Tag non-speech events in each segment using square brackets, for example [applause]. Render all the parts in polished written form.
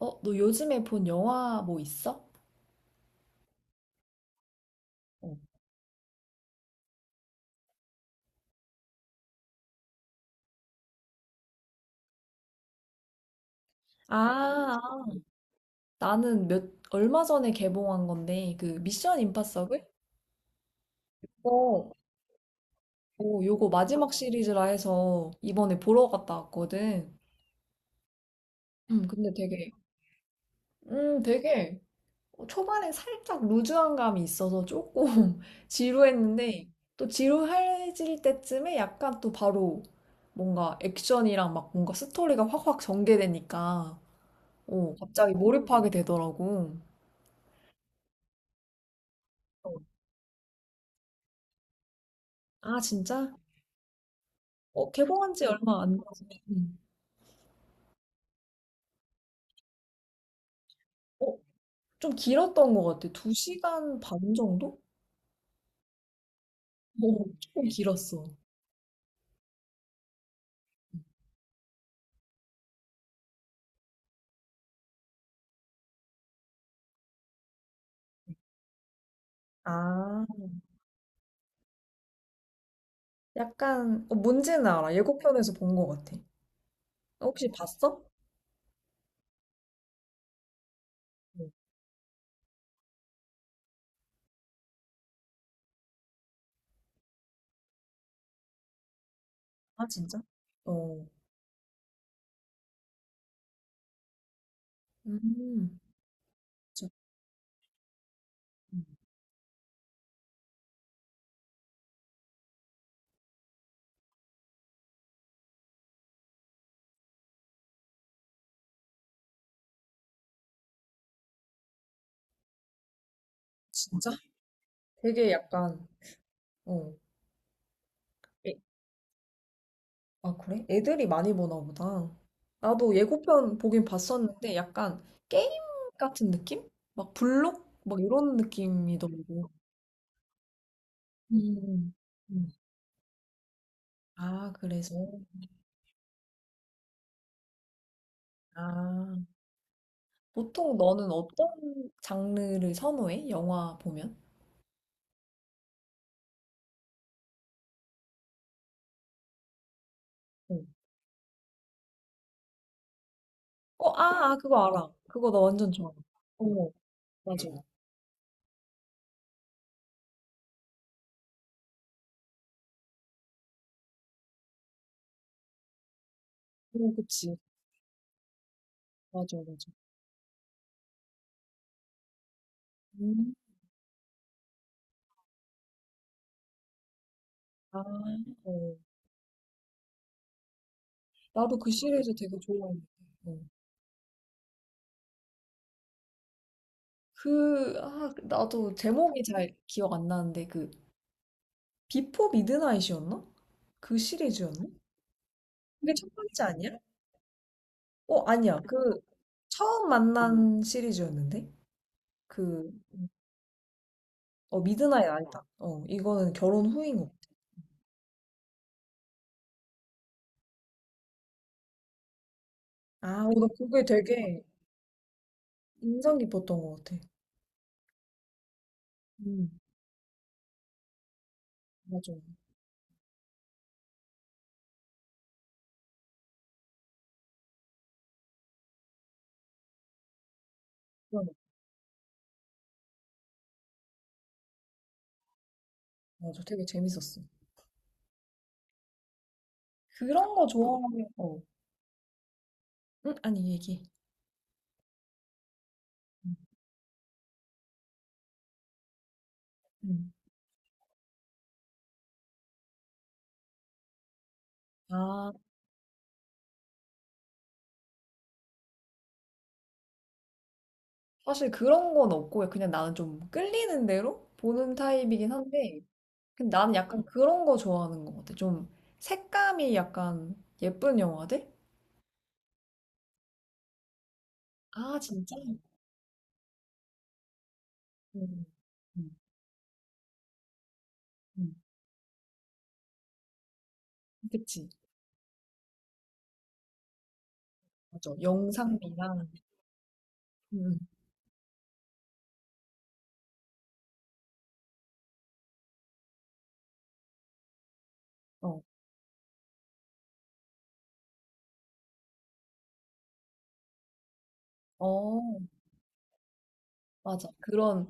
너 요즘에 본 영화 뭐 있어? 어. 아, 아. 나는 얼마 전에 개봉한 건데, 그 미션 임파서블? 어. 오, 요거 마지막 시리즈라 해서 이번에 보러 갔다 왔거든. 근데 되게 초반에 살짝 루즈한 감이 있어서 조금 [laughs] 지루했는데, 또 지루해질 때쯤에 약간 또 바로 뭔가 액션이랑 막 뭔가 스토리가 확확 전개되니까, 오, 갑자기 몰입하게 되더라고. 아, 진짜? 개봉한 지, 응, 얼마 안 돼서. 음. 어, 좀 길었던 것 같아. 2시간 반 정도? 어, 조금 길었어. 아, 약간, 뭔지는 알아. 예고편에서 본 것 같아. 어, 혹시 봤어? 어. 아, 진짜? 어, 음, 진- 음, 진짜? 되게 약간, 어, 에, 아, 그래? 애들이 많이 보나 보다. 나도 예고편 보긴 봤었는데, 약간 게임 같은 느낌? 막 블록? 막 이런 느낌이더라고. 음. 음. 아, 그래서? 아. 보통 너는 어떤 장르를 선호해? 영화 보면? 어. 어, 아, 아, 그거 알아. 그거 나 완전 좋아. 어, 맞아. 어, 그치. 맞아, 맞아. 음. 아, 어. 나도 그 시리즈 되게 좋아하는데, 어. 그, 아, 나도 제목이 잘 기억 안 나는데 그 비포 미드나잇이었나? 그 시리즈였나? 그게 첫 번째 아니야? 어, 아니야. 그 처음 만난 시리즈였는데? 그, 미드나잇 아니다. 이거는 결혼 후인 것 같아. 아, 나 그게 되게 인상 깊었던 것 같아. 음. 맞아. 그런, 거. 맞아. 되게 재밌었어. 그런 거 좋아하면, 응? 아니, 얘기. 음. 음. 아, 사실 그런 건 없고 그냥 나는 좀 끌리는 대로 보는 타입이긴 한데, 근데 나는 약간 그런 거 좋아하는 것 같아. 좀 색감이 약간 예쁜 영화들? 아, 진짜? 음, 음, 음. 그치. 맞아. 영상미랑. 음. 어. 어, 맞아. 그런,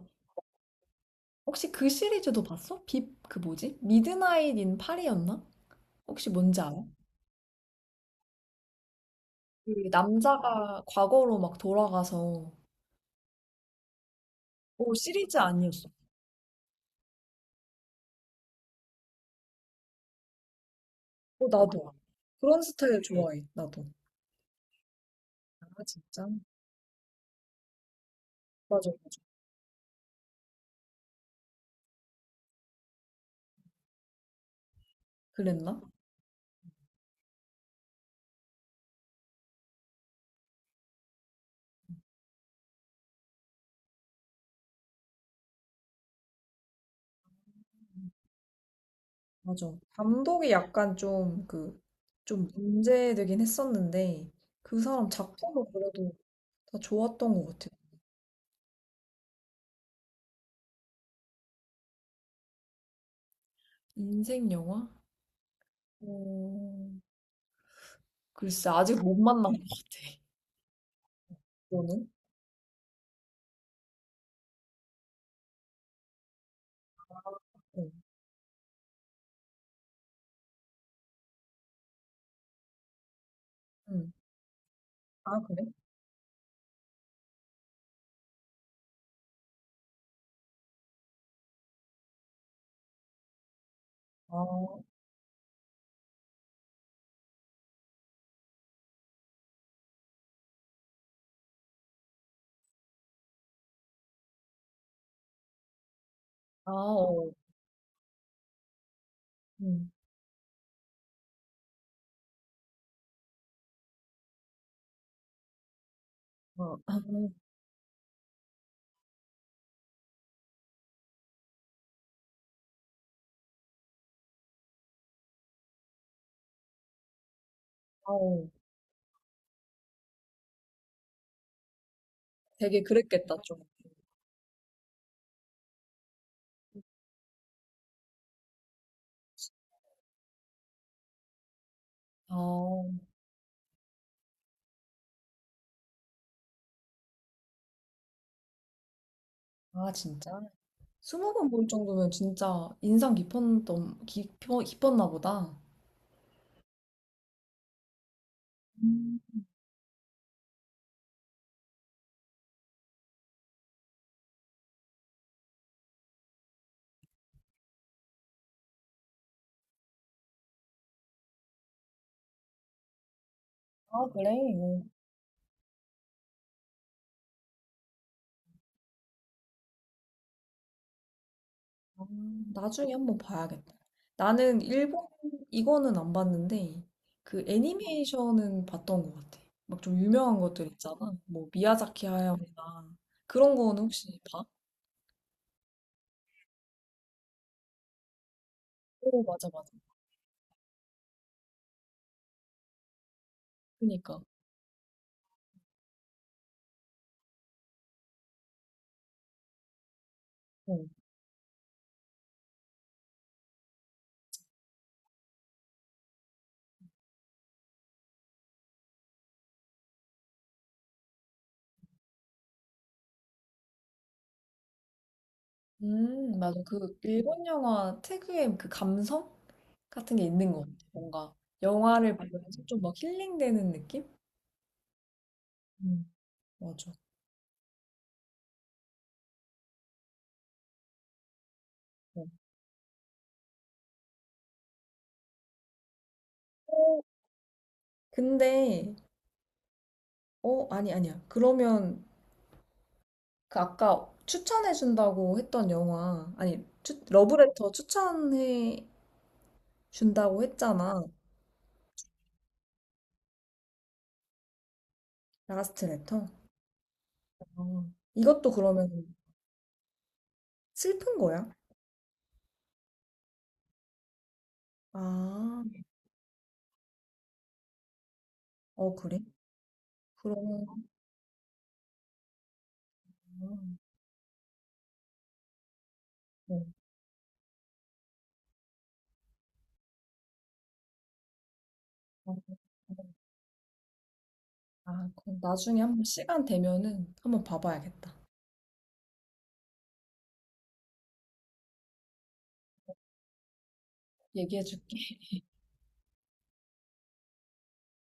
혹시 그 시리즈도 봤어? 그 뭐지? 미드나잇 인 파리였나? 혹시 뭔지 알아? 그 남자가 과거로 막 돌아가서, 오, 시리즈 아니었어. 오, 나도. 그런 스타일 좋아해, 나도. 아, 진짜? 맞아, 맞아. 그랬나? 맞아. 감독이 약간 좀 그, 좀 문제되긴 했었는데, 그 사람 작품은 그래도 다 좋았던 것 같아. 인생 영화? 어, 글쎄, 아직 못 만난 것 같아. 너는? 응. 응. 아, 그래? 아, 아, 어. 응. 어, 아, 아, 어. 되게 그랬겠다, 좀. 아, 아, 진짜? 20번 볼 정도면 진짜 인상 깊었나 보다. 음, 아, 그래? 어. 아, 나중에 한번 봐야겠다. 나는 일본, 이거는 안 봤는데, 그 애니메이션은 봤던 것 같아. 막 좀 유명한 것들 있잖아. 뭐, 미야자키 하야오나. 그런 거는 혹시 봐? 오, 맞아, 맞아. 그니까. 어. 맞아. 그 일본 영화 특유의 그 감성 같은 게 있는 것 같아. 뭔가 영화를 보면서 좀 막 힐링되는 느낌? 음, 맞아. 어, 어, 근데, 아니, 아니야. 그러면, 그 아까 추천해준다고 했던 영화, 아니, 러브레터 추천해준다고 했잖아. 라스트 레터. 아, 이것도 그러면 슬픈 거야? 아, 어, 그래? 그러면, 아, 어, 아, 아, 그럼 나중에 한번 시간 되면은 한번 봐봐야겠다. 얘기해줄게.